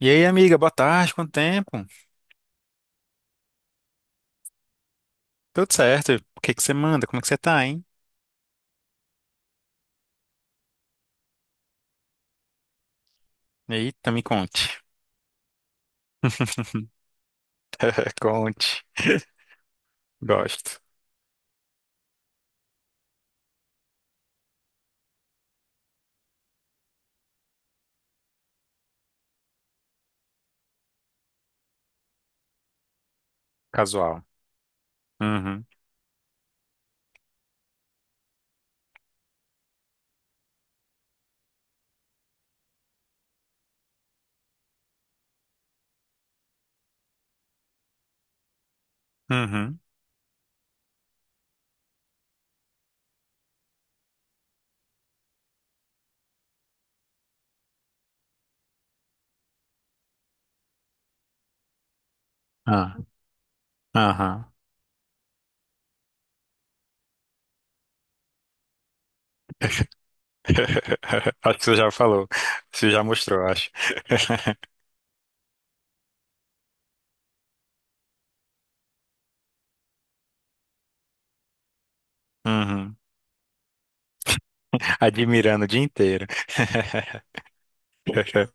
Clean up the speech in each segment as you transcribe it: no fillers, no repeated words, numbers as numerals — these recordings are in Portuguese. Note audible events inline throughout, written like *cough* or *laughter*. E aí, amiga, boa tarde, quanto tempo? Tudo certo? O que você manda? Como é que você tá, hein? Eita, me conte. *laughs* Conte. Gosto. Casual. Uhum. Uhum. Ah, aham. *laughs* Acho que você já falou. Você já mostrou, acho. *laughs* Uhum. Admirando o dia inteiro. *laughs*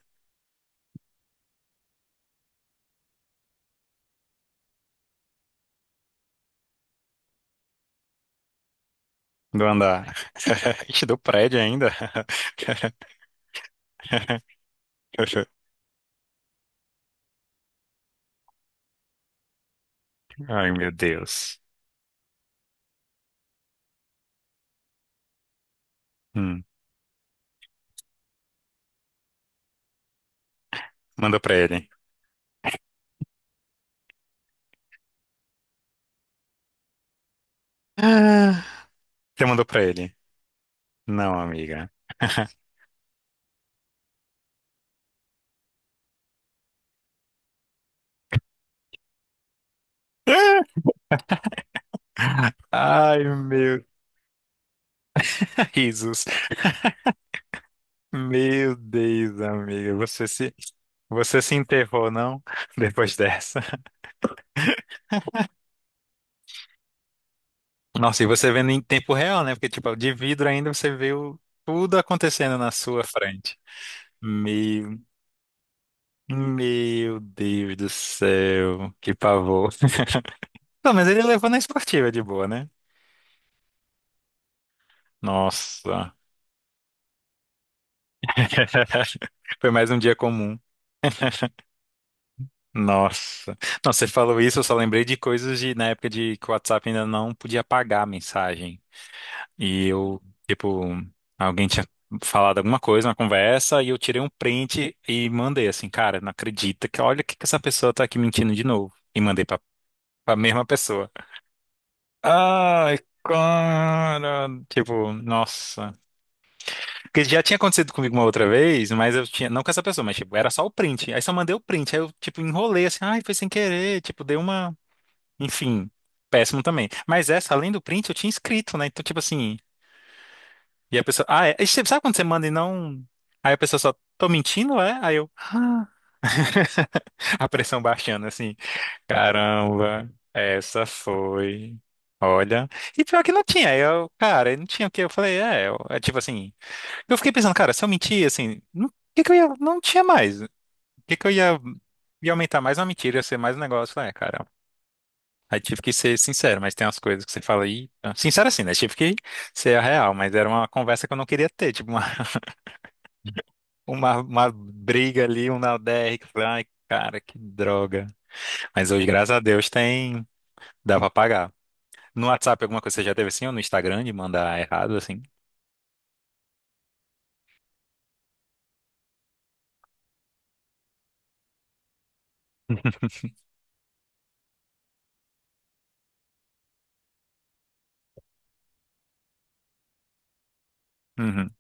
Do andar. *laughs* Ixi, do prédio ainda. *laughs* Ai, meu Deus. Hum. Manda pra ele. *laughs* Você mandou pra ele? Não, amiga. *laughs* Ai, meu. *laughs* Risos. Meu Deus, amiga. Você se enterrou, não? *laughs* Depois dessa. Nossa, e você vendo em tempo real, né? Porque, tipo, de vidro ainda você viu tudo acontecendo na sua frente. Meu, meu Deus do céu. Que pavor. Não, mas ele levou na esportiva de boa, né? Nossa. *laughs* Foi mais um dia comum. Nossa. Não, você falou isso, eu só lembrei de coisas de na época de que o WhatsApp ainda não podia apagar a mensagem. E eu, tipo, alguém tinha falado alguma coisa na conversa e eu tirei um print e mandei assim, cara, não acredita que olha o que essa pessoa tá aqui mentindo de novo. E mandei pra mesma pessoa. Ai, cara. Tipo, nossa. Porque já tinha acontecido comigo uma outra vez, mas eu tinha. Não com essa pessoa, mas tipo, era só o print. Aí só mandei o print. Aí eu, tipo, enrolei assim, ai, foi sem querer. Tipo, dei uma. Enfim, péssimo também. Mas essa, além do print, eu tinha escrito, né? Então, tipo assim, e a pessoa, ah, é. E você- Sabe quando você manda e não. Aí a pessoa só, tô mentindo, é? Aí eu, "Ah." *laughs* a pressão baixando, assim, caramba, essa foi. Olha, e pior que não tinha, aí eu, cara, aí não tinha o que, eu falei, é, eu- é tipo assim, eu fiquei pensando, cara, se eu mentir, assim, não- o que que eu ia, não tinha mais, o que que eu ia, ia aumentar mais uma mentira, ia ser mais um negócio, é, cara, aí tive que ser sincero, mas tem umas coisas que você fala aí. Sincero assim, né? Tive que ser a real, mas era uma conversa que eu não queria ter, tipo uma, *laughs* uma briga ali, um na DR, que eu falei, ai, cara, que droga. Mas hoje, graças a Deus, tem. Dá pra pagar. No WhatsApp, alguma coisa você já teve assim, ou no Instagram de mandar errado, assim? *laughs* Uhum.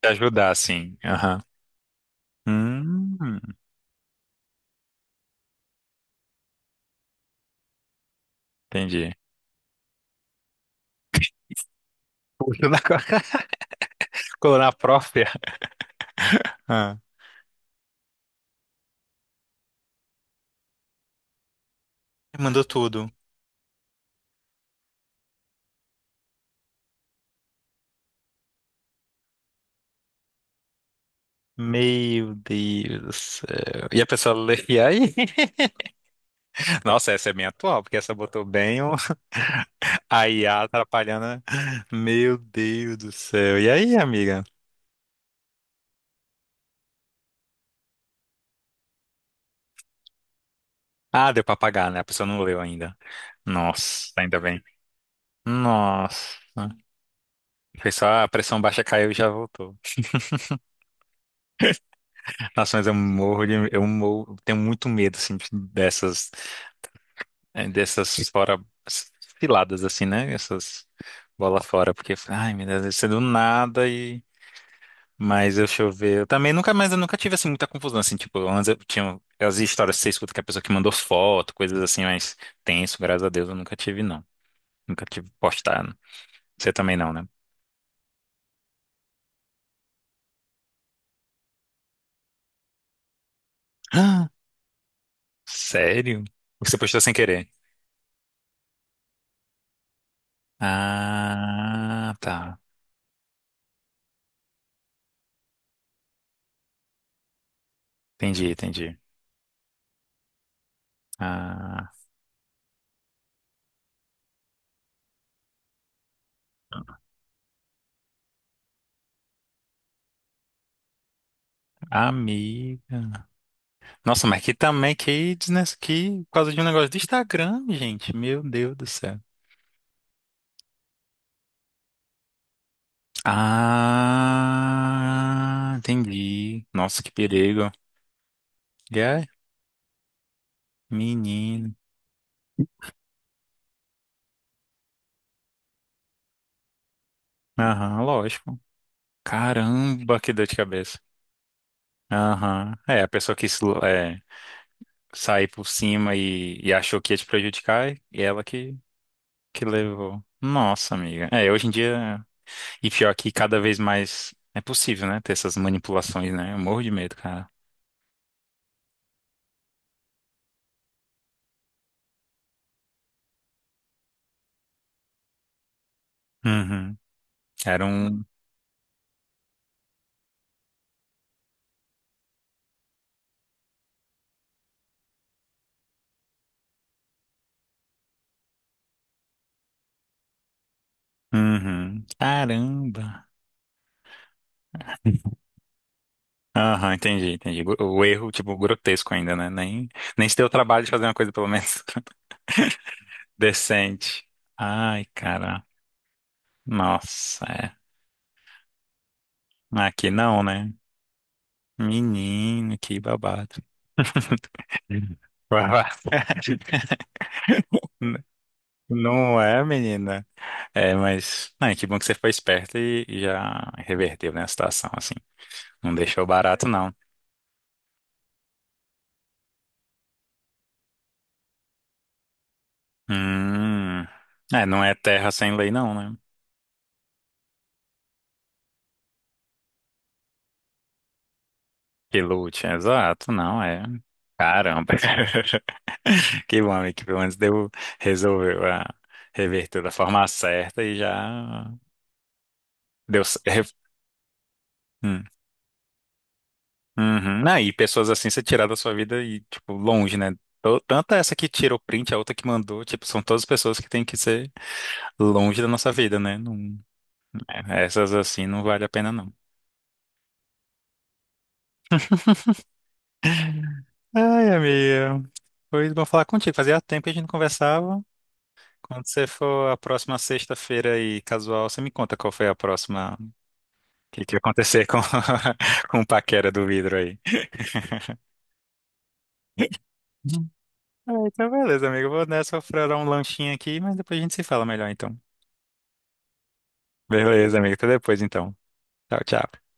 Te ajudar, assim. Aham. Hum, entendi. Puxa, na co- *laughs* colou na própria. *laughs* Ah. Mandou tudo. Meu Deus do céu. E a pessoa lê, e aí? *laughs* Nossa, essa é bem atual, porque essa botou bem o... *laughs* a IA atrapalhando. Né? Meu Deus do céu. E aí, amiga? Ah, deu pra pagar, né? A pessoa não leu ainda. Nossa, ainda bem. Nossa. Foi só a pressão baixa caiu e já voltou. Nossa, mas eu morro, tenho muito medo, assim, dessas fora, ciladas, assim, né? Essas bola fora, porque, ai, meu Deus, isso é do nada. Mas deixa eu ver. Eu também nunca mais, eu nunca tive assim muita confusão. Assim, tipo, antes eu tinha as histórias que você escuta que a pessoa que mandou foto, coisas assim, mas tenso, graças a Deus, eu nunca tive, não. Nunca tive postado. Você também não, né? *gasps* Ah, sério? Você postou sem querer. Ah, tá. Entendi. Ah, amiga. Nossa, mas que também, que, desnes- que por causa de um negócio do Instagram, gente. Meu Deus do céu. Ah, entendi. Nossa, que perigo. E é? Menino. Aham, lógico. Caramba, que dor de cabeça. Aham. É, a pessoa quis é, sair por cima e achou que ia te prejudicar e ela que levou. Nossa, amiga. É, hoje em dia. E pior que cada vez mais é possível, né? Ter essas manipulações, né? Eu morro de medo, cara. Uhum. Era um. Uhum. Caramba. Aham, entendi. O erro, tipo, grotesco ainda, né? Nem, nem se deu o trabalho de fazer uma coisa, pelo menos. Decente. Ai, cara. Nossa, é. Aqui não, né? Menino, que babado. *laughs* Babado. Não é, menina? É, mas ai, que bom que você foi esperta e já reverteu, né, a situação, assim. Não deixou barato, não. Hum. É, não é terra sem lei, não, né? Que lute, exato, não é. Caramba. *laughs* Que bom, amigo, que pelo menos deu, resolveu a reverter da forma certa e já deu. C- re- Hum. Uhum. Não, e pessoas assim você tirar da sua vida e, tipo, longe, né? Tô- Tanto essa que tirou print, a outra que mandou, tipo, são todas pessoas que têm que ser longe da nossa vida, né? Não- é, essas assim não vale a pena, não. Ai, amiga. Foi bom falar contigo. Fazia tempo que a gente não conversava. Quando você for a próxima sexta-feira aí, casual, você me conta qual foi a próxima, o que que ia acontecer com, *laughs* com o paquera do vidro aí. Ah, então, beleza, amigo. Vou nessa, vou furar um lanchinho aqui, mas depois a gente se fala melhor, então. Beleza, amigo. Até depois, então. Tchau, tchau.